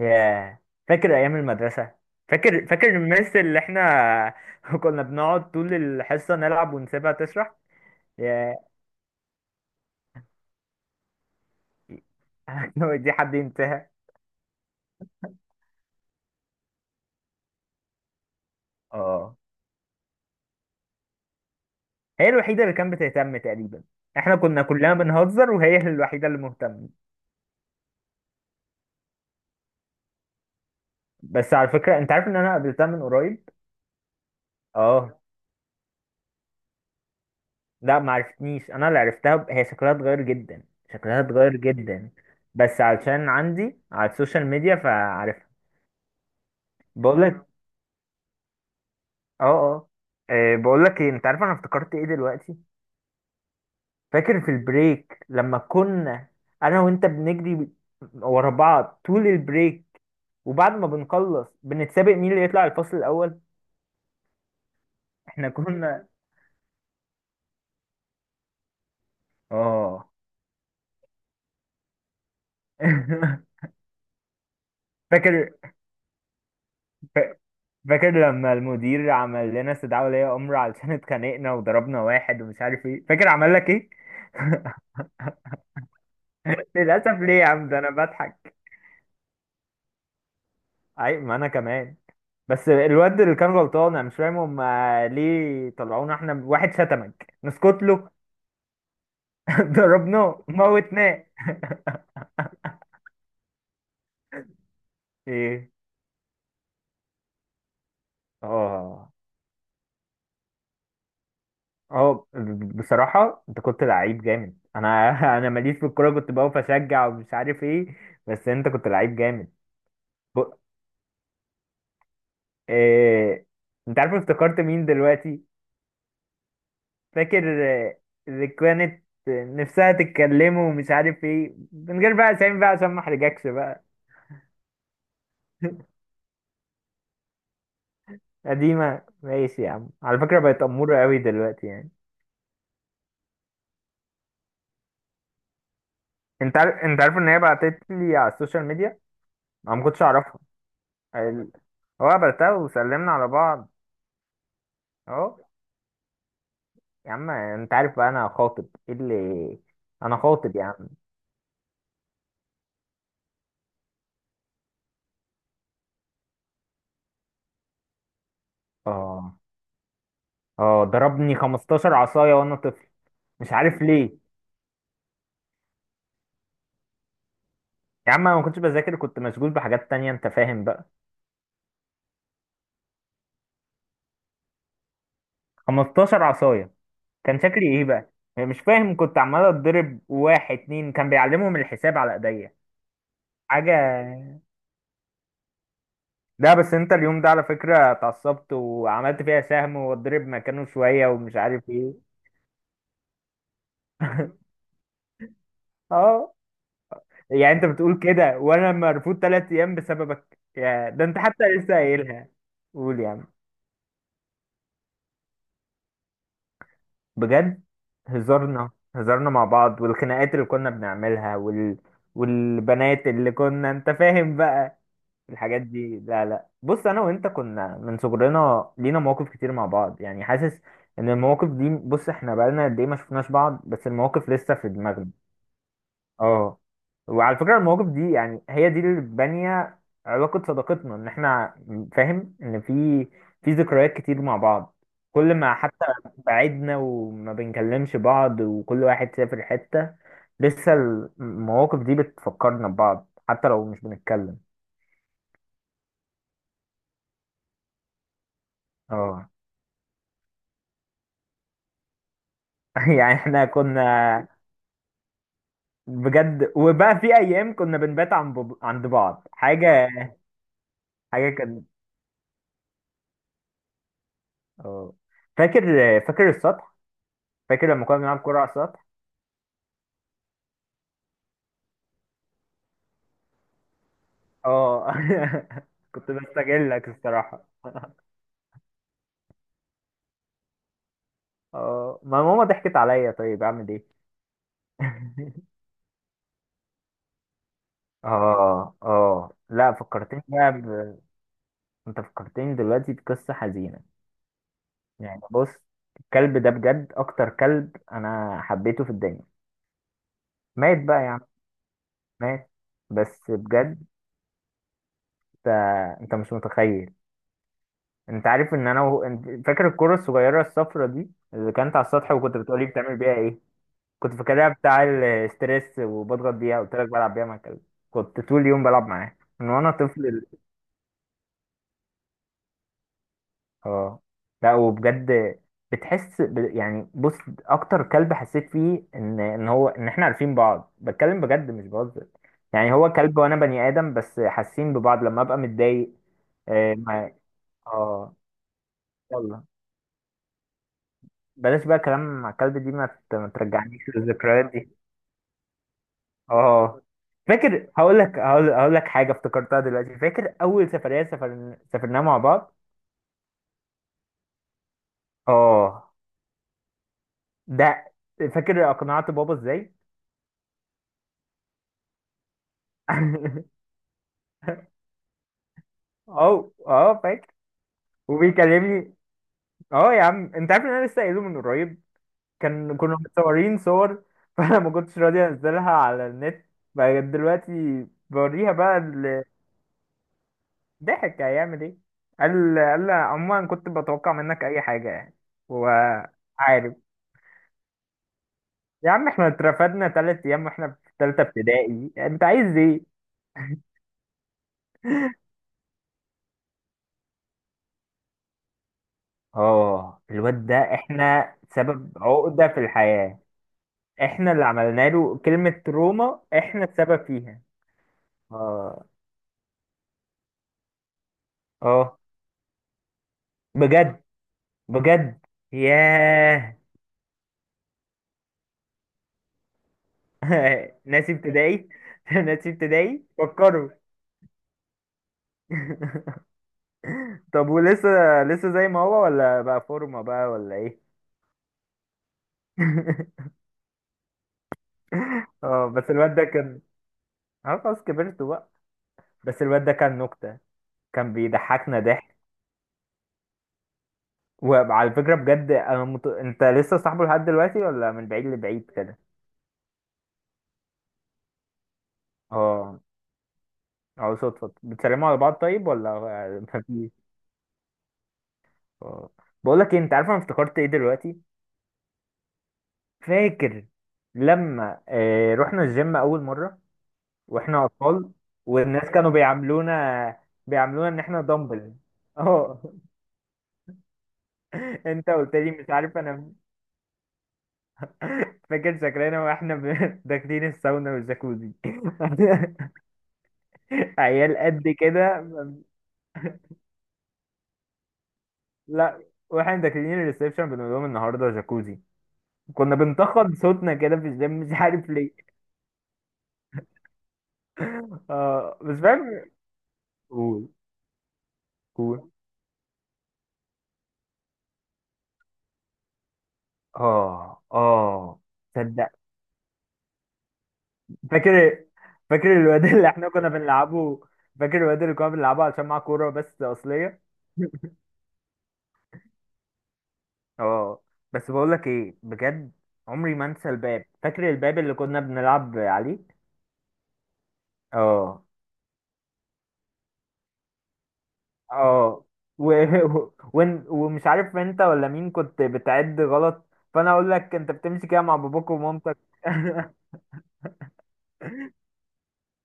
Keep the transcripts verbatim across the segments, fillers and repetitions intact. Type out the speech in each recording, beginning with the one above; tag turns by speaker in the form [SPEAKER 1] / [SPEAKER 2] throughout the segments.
[SPEAKER 1] ياه، فاكر ايام المدرسه. فاكر فاكر المس اللي احنا كنا بنقعد طول الحصه نلعب ونسيبها تشرح. ياه. دي حد ينساها؟ اه، هي الوحيده اللي كانت بتهتم تقريبا. احنا كنا كلنا بنهزر وهي الوحيده اللي مهتمه. بس على فكره، انت عارف ان انا قابلتها من قريب؟ اه. لا، ما عرفتنيش، انا اللي عرفتها. ب- هي شكلها اتغير جدا. شكلها اتغير جدا، بس علشان عندي على السوشيال ميديا فعارفها. بقول لك، اه اه. آه، بقول لك ايه، انت عارف انا افتكرت ايه دلوقتي؟ فاكر في البريك لما كنا انا وانت بنجري ورا بعض طول البريك، وبعد ما بنخلص بنتسابق مين اللي يطلع الفصل الاول؟ احنا كنا، اه. فاكر. فا- فاكر لما المدير عمل لنا استدعاء ولي امر علشان اتخانقنا وضربنا واحد ومش عارف ايه؟ فاكر عمل لك ايه؟ للاسف. ليه يا عم؟ ده انا بضحك. عيب، ما انا كمان. بس الواد اللي كان غلطان، انا مش فاهم هم ليه طلعونا احنا؟ واحد شتمك، نسكت له؟ ضربناه موتناه. ايه؟ اه اه. بصراحة انت كنت لعيب جامد. انا انا ماليش في الكورة، كنت بقف اشجع ومش عارف ايه، بس انت كنت لعيب جامد. ب... إيه... انت عارف افتكرت مين دلوقتي؟ فاكر آه، اللي كانت نفسها تتكلمه ومش عارف ايه، من غير بقى اسامي بقى عشان ما احرجكش بقى. قديمة، ماشي يا عم. على فكرة بقت أمورة قوي دلوقتي يعني. انت عارف انت عارف ان هي بعتت لي على السوشيال ميديا. انا ما كنتش اعرفها. ال- هو قابلتها وسلمنا على بعض. اهو. يا عم، انت عارف بقى انا خاطب؟ ايه اللي؟ انا خاطب يا عم. اه اه. ضربني 15 عصاية وانا طفل. مش عارف ليه. يا عم انا ما كنتش بذاكر، كنت مشغول بحاجات تانية، انت فاهم بقى. 15 عصاية! كان شكلي ايه بقى؟ مش فاهم. كنت عمال اتضرب، واحد اتنين كان بيعلمهم الحساب على ايديا. حاجة. لا بس انت اليوم ده على فكرة اتعصبت وعملت فيها سهم واتضرب مكانه شوية ومش عارف ايه. اه. يعني انت بتقول كده وانا مرفوض تلات ايام بسببك يا ده، انت حتى لسه قايلها. قول يا عم. بجد، هزارنا هزارنا مع بعض، والخناقات اللي كنا بنعملها، وال... والبنات اللي كنا، انت فاهم بقى. الحاجات دي. لا لا، بص، انا وانت كنا من صغرنا لينا مواقف كتير مع بعض، يعني حاسس ان المواقف دي، بص احنا بقالنا قد ايه ما شفناش بعض بس المواقف لسه في دماغنا. اه. وعلى فكرة المواقف دي يعني هي دي اللي بانية علاقة صداقتنا، ان احنا فاهم ان في، في ذكريات كتير مع بعض. كل ما حتى بعدنا وما بنكلمش بعض وكل واحد سافر حتة، لسه المواقف دي بتفكرنا ببعض حتى لو مش بنتكلم. اه. يعني احنا كنا بجد، وبقى في ايام كنا بنبات عن بب... عند بعض. حاجه. حاجه كان، اه فاكر. فاكر السطح، فاكر لما كنا بنلعب كوره على السطح؟ اه. كنت بستجلك الصراحه. اه ما ماما ضحكت عليا، طيب اعمل ايه؟ اه اه. لا فكرتني بقى ب... انت فكرتني دلوقتي بقصه حزينه. يعني بص، الكلب ده بجد اكتر كلب انا حبيته في الدنيا. مات بقى يا عم، مات. بس بجد، انت انت مش متخيل. انت عارف ان انا و... انت فاكر الكرة الصغيرة الصفرة دي اللي كانت على السطح وكنت بتقولي بتعمل بيها ايه؟ كنت فاكرها بتاع الاستريس وبضغط بيها، قلت لك بلعب بيها مع الكلب. كنت طول اليوم بلعب معاه من وانا طفل. ال- اه. لا وبجد، بتحس ب... يعني بص، اكتر كلب حسيت فيه ان ان هو ان احنا عارفين بعض، بتكلم بجد مش بهزر. يعني هو كلب وانا بني ادم بس حاسين ببعض، لما ابقى متضايق. اه ما... اه. يلا بلاش بقى كلام مع الكلب دي، ما ت- ما ترجعنيش للذكريات دي. اه. فاكر، هقول لك، هقول هقول لك حاجه افتكرتها دلوقتي. فاكر اول سفريه سفر... سافرناها مع بعض؟ اه. ده فاكر اقنعت بابا ازاي؟ اه اه فاكر. وبيكلمني اه، يا عم انت عارف ان انا لسه قايله من قريب؟ كان كنا متصورين صور، فانا ما كنتش راضي انزلها على النت بقى. دلوقتي بوريها بقى. ضحك، هيعمل ايه؟ قال قال لي عموما كنت بتوقع منك اي حاجه يعني. هو عارف. يا عم احنا اترفدنا تلات ايام واحنا في تالتة ابتدائي، انت عايز ايه؟ اه الواد ده احنا سبب عقده في الحياه. احنا اللي عملنا له كلمه تروما، احنا السبب فيها. اه اه. بجد، بجد. ياه. ناسي ابتدائي. ناسي ابتدائي فكروا. طب ولسه لسه زي ما هو ولا بقى فورمة بقى ولا ايه؟ اه بس الواد ده كان، اه خلاص كبرت بقى. بس الواد ده كان نكتة، كان بيضحكنا ضحك. وعلى فكرة بجد انا مت... انت لسه صاحبه لحد دلوقتي، ولا من بعيد لبعيد كده؟ اه اه. صدفة بتسلموا على بعض طيب ولا؟ مفيش. اه. بقول لك إيه، انت عارف انا افتكرت ايه دلوقتي؟ فاكر لما آه رحنا الجيم اول مرة واحنا اطفال، والناس كانوا بيعاملونا، بيعاملونا ان احنا دمبل؟ اه. انت قلت لي مش عارف انا. فاكر شكلنا واحنا ب- داخلين الساونا والجاكوزي؟ عيال قد كده. لا واحنا داخلين الريسبشن بنقول لهم النهارده جاكوزي. كنا بنتخض صوتنا كده في الجيم، مش عارف ليه. اه بس فاهم. قول، قول. اه اه. تصدق؟ فاكر. فاكر الواد اللي احنا كنا بنلعبه، فاكر الواد اللي كنا بنلعبه عشان معاه كورة بس أصلية؟ اه. بس بقولك ايه بجد، عمري ما انسى الباب. فاكر الباب اللي كنا بنلعب عليه؟ اه. اه و... و... ون- ومش عارف انت ولا مين كنت بتعد غلط، فانا اقول لك انت بتمشي كده مع باباك ومامتك.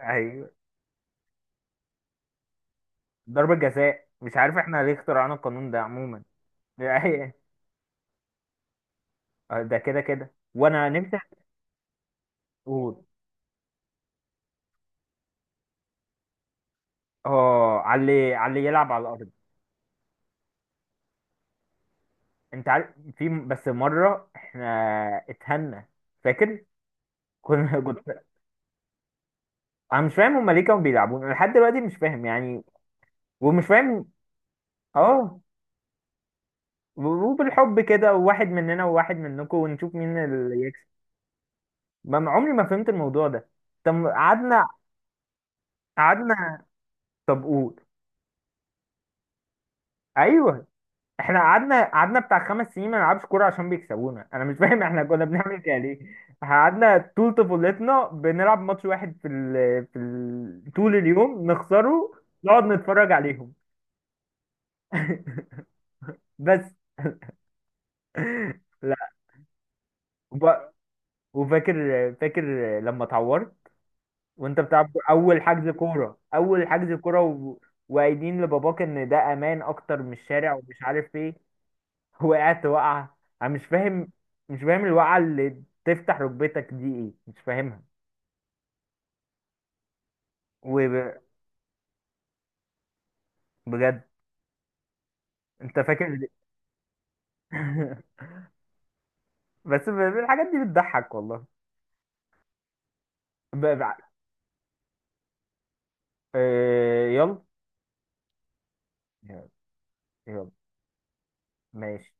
[SPEAKER 1] ايوه. ضربة جزاء، مش عارف احنا ليه اخترعنا القانون ده عموما. ده ده كده كده، وانا نفسي اقول. اه، على اللي، على اللي يلعب على الارض. انت عارف في م- بس مره احنا اتهنا؟ فاكر. كنا كنت، انا مش فاهم هما ليه كانوا بيلعبونا، أنا لحد دلوقتي مش فاهم يعني. ومش فاهم. اه. و- وبالحب كده، وواحد مننا وواحد منكم، ونشوف مين اللي يكسب. ما ما- عمري ما فهمت الموضوع ده. طب قعدنا، قعدنا. طب قول. ايوه. احنا قعدنا، قعدنا بتاع خمس سنين ما نلعبش كوره عشان بيكسبونا، انا مش فاهم احنا كنا بنعمل كده ليه. قعدنا طول طفولتنا بنلعب ماتش واحد في ال... في ال... طول اليوم نخسره، نقعد نتفرج عليهم. بس. لا وب... وفاكر. فاكر لما اتعورت وانت بتلعب كورة، اول حجز كوره، اول حجز كوره و... وقايلين لباباك ان ده امان اكتر من الشارع ومش عارف ايه؟ وقعت وقعه، انا مش فاهم، مش فاهم الوقعه اللي تفتح ركبتك دي ايه، مش فاهمها. وبجد انت فاكر. بس ب- ب- الحاجات دي بتضحك والله. ب- ب- آه، يلا. يلا. يلا. ماشي.